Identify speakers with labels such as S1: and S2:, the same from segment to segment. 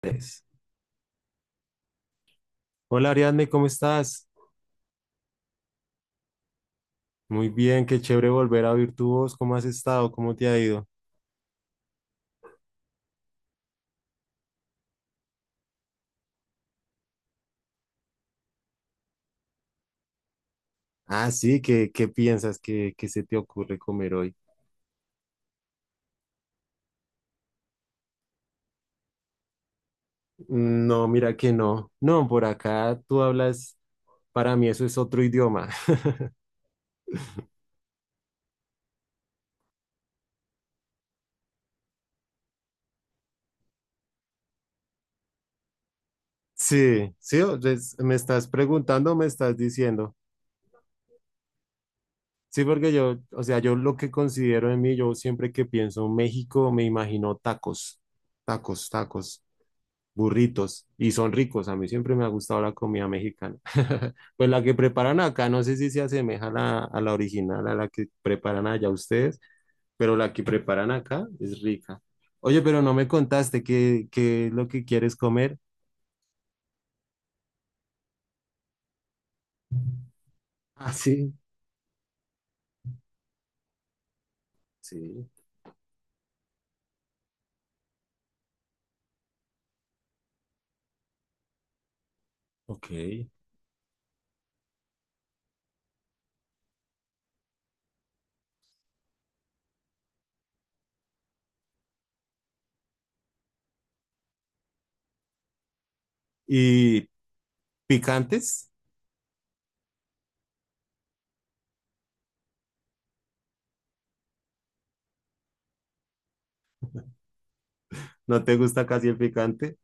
S1: Tres. Hola Ariadne, ¿cómo estás? Muy bien, qué chévere volver a oír tu voz. ¿Cómo has estado? ¿Cómo te ha ido? Ah, sí, qué piensas? ¿Qué se te ocurre comer hoy? No, mira que no. No, por acá tú hablas, para mí eso es otro idioma. Sí, sí, me estás preguntando, me estás diciendo. Sí, porque yo, o sea, yo lo que considero en mí, yo siempre que pienso en México, me imagino tacos, tacos, tacos, burritos y son ricos. A mí siempre me ha gustado la comida mexicana. Pues la que preparan acá, no sé si se asemeja a a la original, a la que preparan allá ustedes, pero la que preparan acá es rica. Oye, pero no me contaste qué es lo que quieres comer. Ah, sí. Sí, ok. ¿Y picantes? ¿No te gusta casi el picante?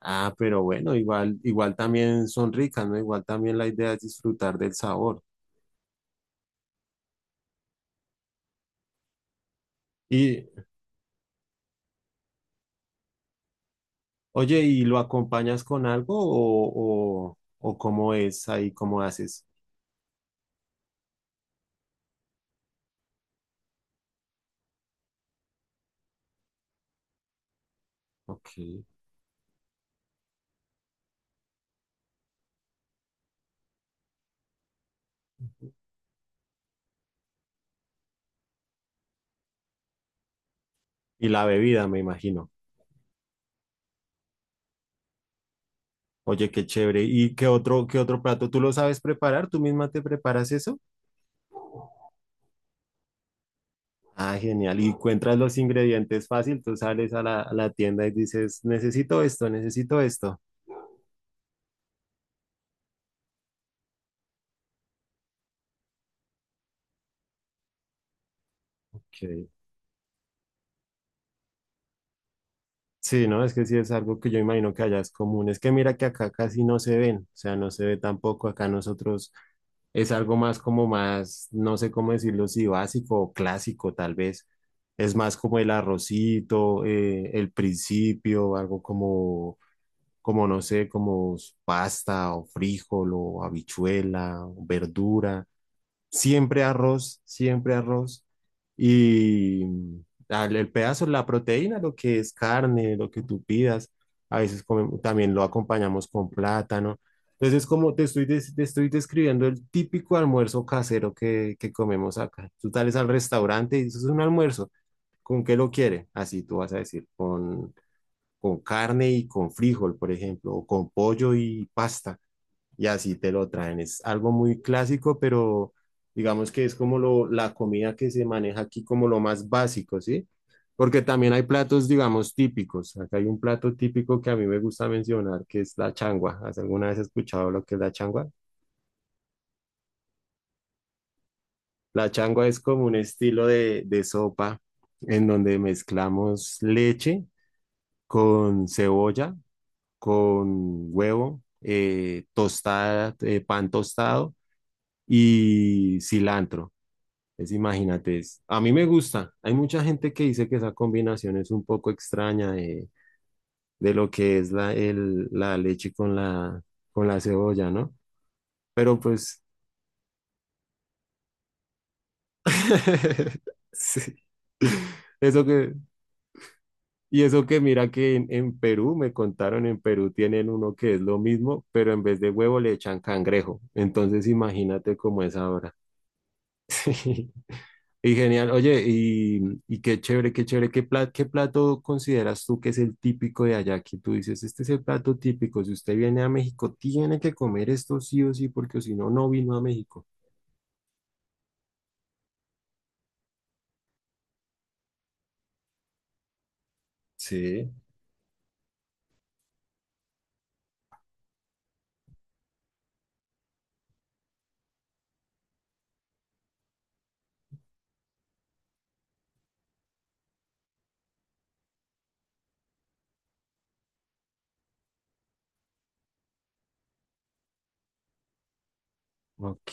S1: Ah, pero bueno, igual, igual también son ricas, ¿no? Igual también la idea es disfrutar del sabor. y Oye, ¿y lo acompañas con algo o cómo es ahí, cómo haces? Ok. Y la bebida, me imagino. Oye, qué chévere. ¿Y qué otro plato? ¿Tú lo sabes preparar? ¿Tú misma te preparas eso? Ah, genial. Y encuentras los ingredientes fácil. Tú sales a a la tienda y dices, necesito esto, necesito esto. Ok. Sí, no, es que sí es algo que yo imagino que allá es común. Es que mira que acá casi no se ven, o sea, no se ve tampoco. Acá nosotros es algo más como más, no sé cómo decirlo, si básico o clásico tal vez. Es más como el arrocito, el principio, algo como, como no sé, como pasta o frijol o habichuela, verdura. Siempre arroz, siempre arroz. Y el pedazo, la proteína, lo que es carne, lo que tú pidas. A veces también lo acompañamos con plátano. Entonces, como te estoy, te estoy describiendo el típico almuerzo casero que comemos acá. Tú sales al restaurante y dices, es un almuerzo. ¿Con qué lo quiere? Así tú vas a decir, con carne y con frijol, por ejemplo, o con pollo y pasta y así te lo traen. Es algo muy clásico, pero digamos que es como la comida que se maneja aquí como lo más básico, ¿sí? Porque también hay platos, digamos, típicos. Acá hay un plato típico que a mí me gusta mencionar, que es la changua. ¿Has alguna vez escuchado lo que es la changua? La changua es como un estilo de sopa en donde mezclamos leche con cebolla, con huevo, tostada, pan tostado y cilantro. Es, imagínate, a mí me gusta. Hay mucha gente que dice que esa combinación es un poco extraña de lo que es la leche con con la cebolla, ¿no? Pero pues, sí. Eso que, y eso que mira que en Perú, me contaron, en Perú tienen uno que es lo mismo, pero en vez de huevo le echan cangrejo. Entonces imagínate cómo es ahora. Y genial, oye, y qué chévere, qué chévere, qué plato consideras tú que es el típico de allá? Que tú dices, este es el plato típico, si usted viene a México, tiene que comer esto sí o sí, porque si no, no vino a México. Sí, ok,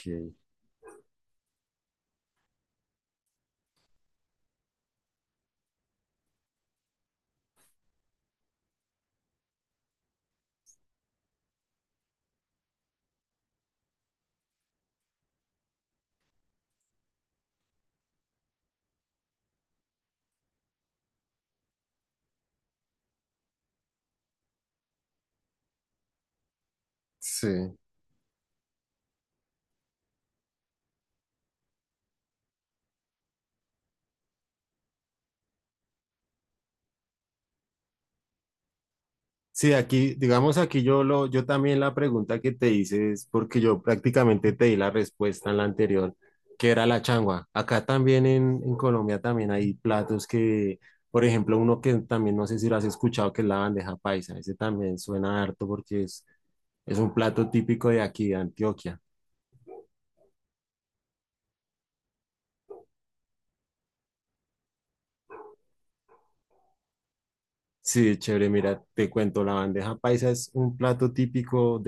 S1: sí. Sí, aquí, digamos, aquí yo lo, yo también la pregunta que te hice es porque yo prácticamente te di la respuesta en la anterior, que era la changua. Acá también en Colombia también hay platos que, por ejemplo, uno que también no sé si lo has escuchado, que es la bandeja paisa. Ese también suena harto porque es un plato típico de aquí, de Antioquia. Sí, chévere, mira, te cuento, la bandeja paisa es un plato típico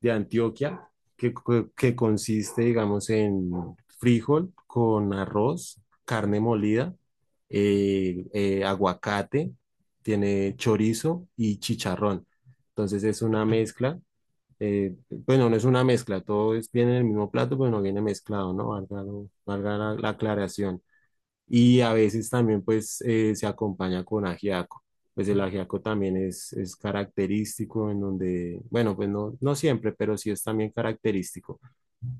S1: de Antioquia, que, que consiste, digamos, en frijol con arroz, carne molida, aguacate, tiene chorizo y chicharrón. Entonces es una mezcla. Bueno, no es una mezcla, todo es, viene en el mismo plato, pero no viene mezclado, ¿no? Valga, valga la aclaración y a veces también pues se acompaña con ajiaco. Pues el ajiaco también es característico en donde, bueno, pues no, no siempre, pero sí es también característico.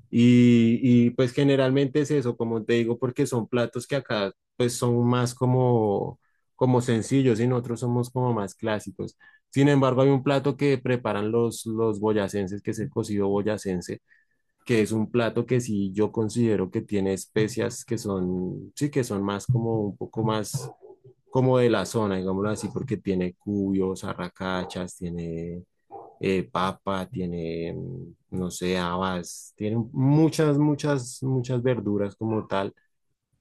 S1: Y pues generalmente es eso, como te digo, porque son platos que acá pues son más como, como sencillos y nosotros somos como más clásicos. Sin embargo, hay un plato que preparan los boyacenses, que es el cocido boyacense, que es un plato que sí yo considero que tiene especias que son, sí, que son más como un poco más como de la zona, digámoslo así, porque tiene cubios, arracachas, tiene papa, tiene, mm, no sé, habas, tiene muchas, muchas, muchas verduras como tal.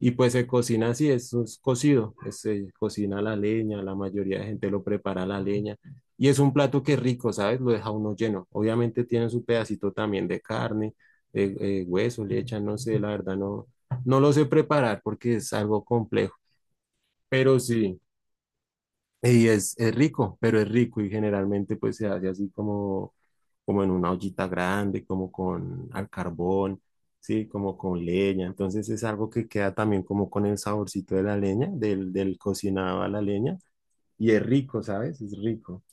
S1: Y pues se cocina así, es, un cocido, es, se cocina a la leña, la mayoría de gente lo prepara a la leña. Y es un plato que es rico, ¿sabes? Lo deja uno lleno. Obviamente tiene su pedacito también de carne, de, hueso, le echan, no sé, la verdad no, no lo sé preparar porque es algo complejo. Pero sí. Y es rico, pero es rico y generalmente pues se hace así como, como en una ollita grande, como con al carbón, sí, como con leña. Entonces es algo que queda también como con el saborcito de la leña, del cocinado a la leña. Y es rico, ¿sabes? Es rico.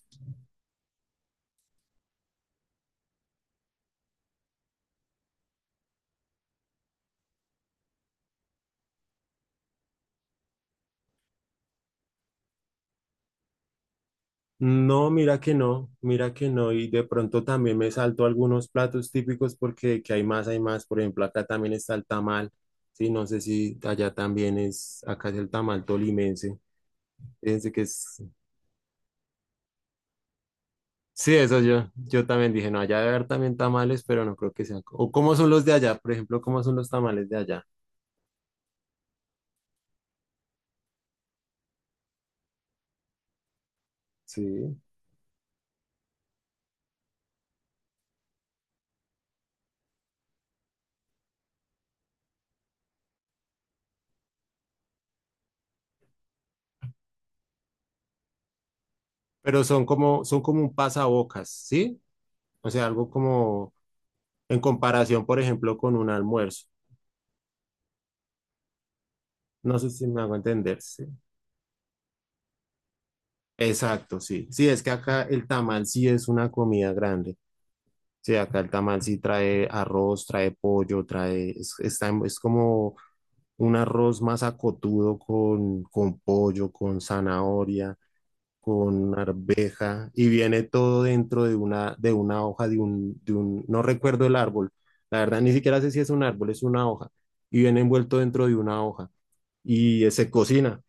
S1: No, mira que no, mira que no. Y de pronto también me salto algunos platos típicos porque que hay más, hay más. Por ejemplo, acá también está el tamal. Sí, no sé si allá también es, acá es el tamal tolimense. Fíjense que es. Sí, eso yo, yo también dije, no, allá debe haber también tamales, pero no creo que sean. O cómo son los de allá, por ejemplo, cómo son los tamales de allá. Sí. Pero son como un pasabocas, ¿sí? O sea, algo como en comparación, por ejemplo, con un almuerzo. No sé si me hago entender, sí. Exacto, sí. Sí, es que acá el tamal sí es una comida grande. Sí, acá el tamal sí trae arroz, trae pollo, trae, es, es como un arroz más acotudo con pollo, con zanahoria, con arveja y viene todo dentro de una hoja, de un, no recuerdo el árbol, la verdad ni siquiera sé si es un árbol, es una hoja y viene envuelto dentro de una hoja y se cocina.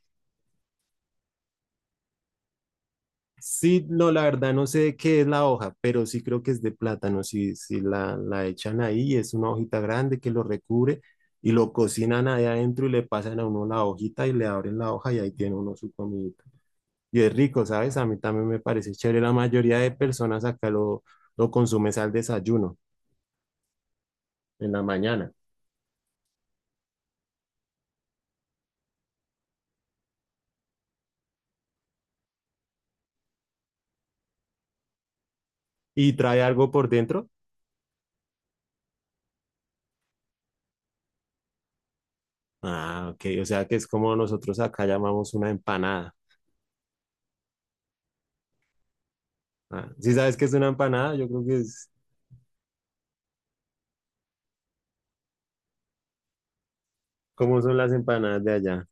S1: Sí, no, la verdad no sé de qué es la hoja, pero sí creo que es de plátano, si, si la echan ahí, es una hojita grande que lo recubre y lo cocinan ahí adentro y le pasan a uno la hojita y le abren la hoja y ahí tiene uno su comidita y es rico, ¿sabes? A mí también me parece chévere. La mayoría de personas acá lo consumes al desayuno, en la mañana. ¿Y trae algo por dentro? Ah, ok, o sea que es como nosotros acá llamamos una empanada. Ah, ¿sí sabes qué es una empanada? Yo creo que es como son las empanadas de allá.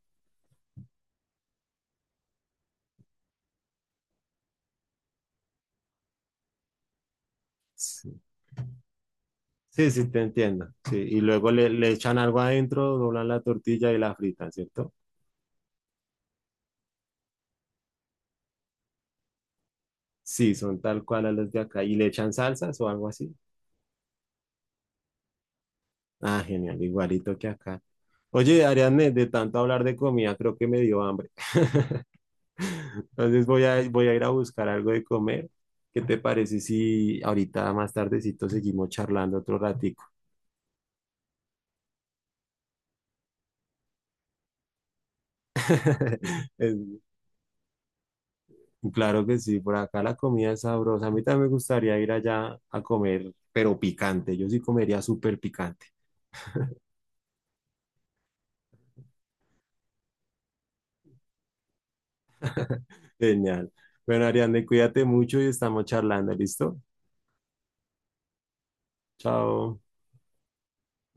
S1: Sí, sí, sí, te entiendo. Sí, y luego le echan algo adentro, doblan la tortilla y la fritan, ¿cierto? Sí, son tal cual a las de acá. ¿Y le echan salsas o algo así? Ah, genial, igualito que acá. Oye, Ariadne, de tanto hablar de comida, creo que me dio hambre. Entonces voy a ir a buscar algo de comer. ¿Qué te parece si ahorita más tardecito seguimos charlando otro ratico? Es- Claro que sí, por acá la comida es sabrosa. A mí también me gustaría ir allá a comer, pero picante. Yo sí comería súper picante. Genial. Bueno, Ariadne, cuídate mucho y estamos charlando, ¿listo? Chao.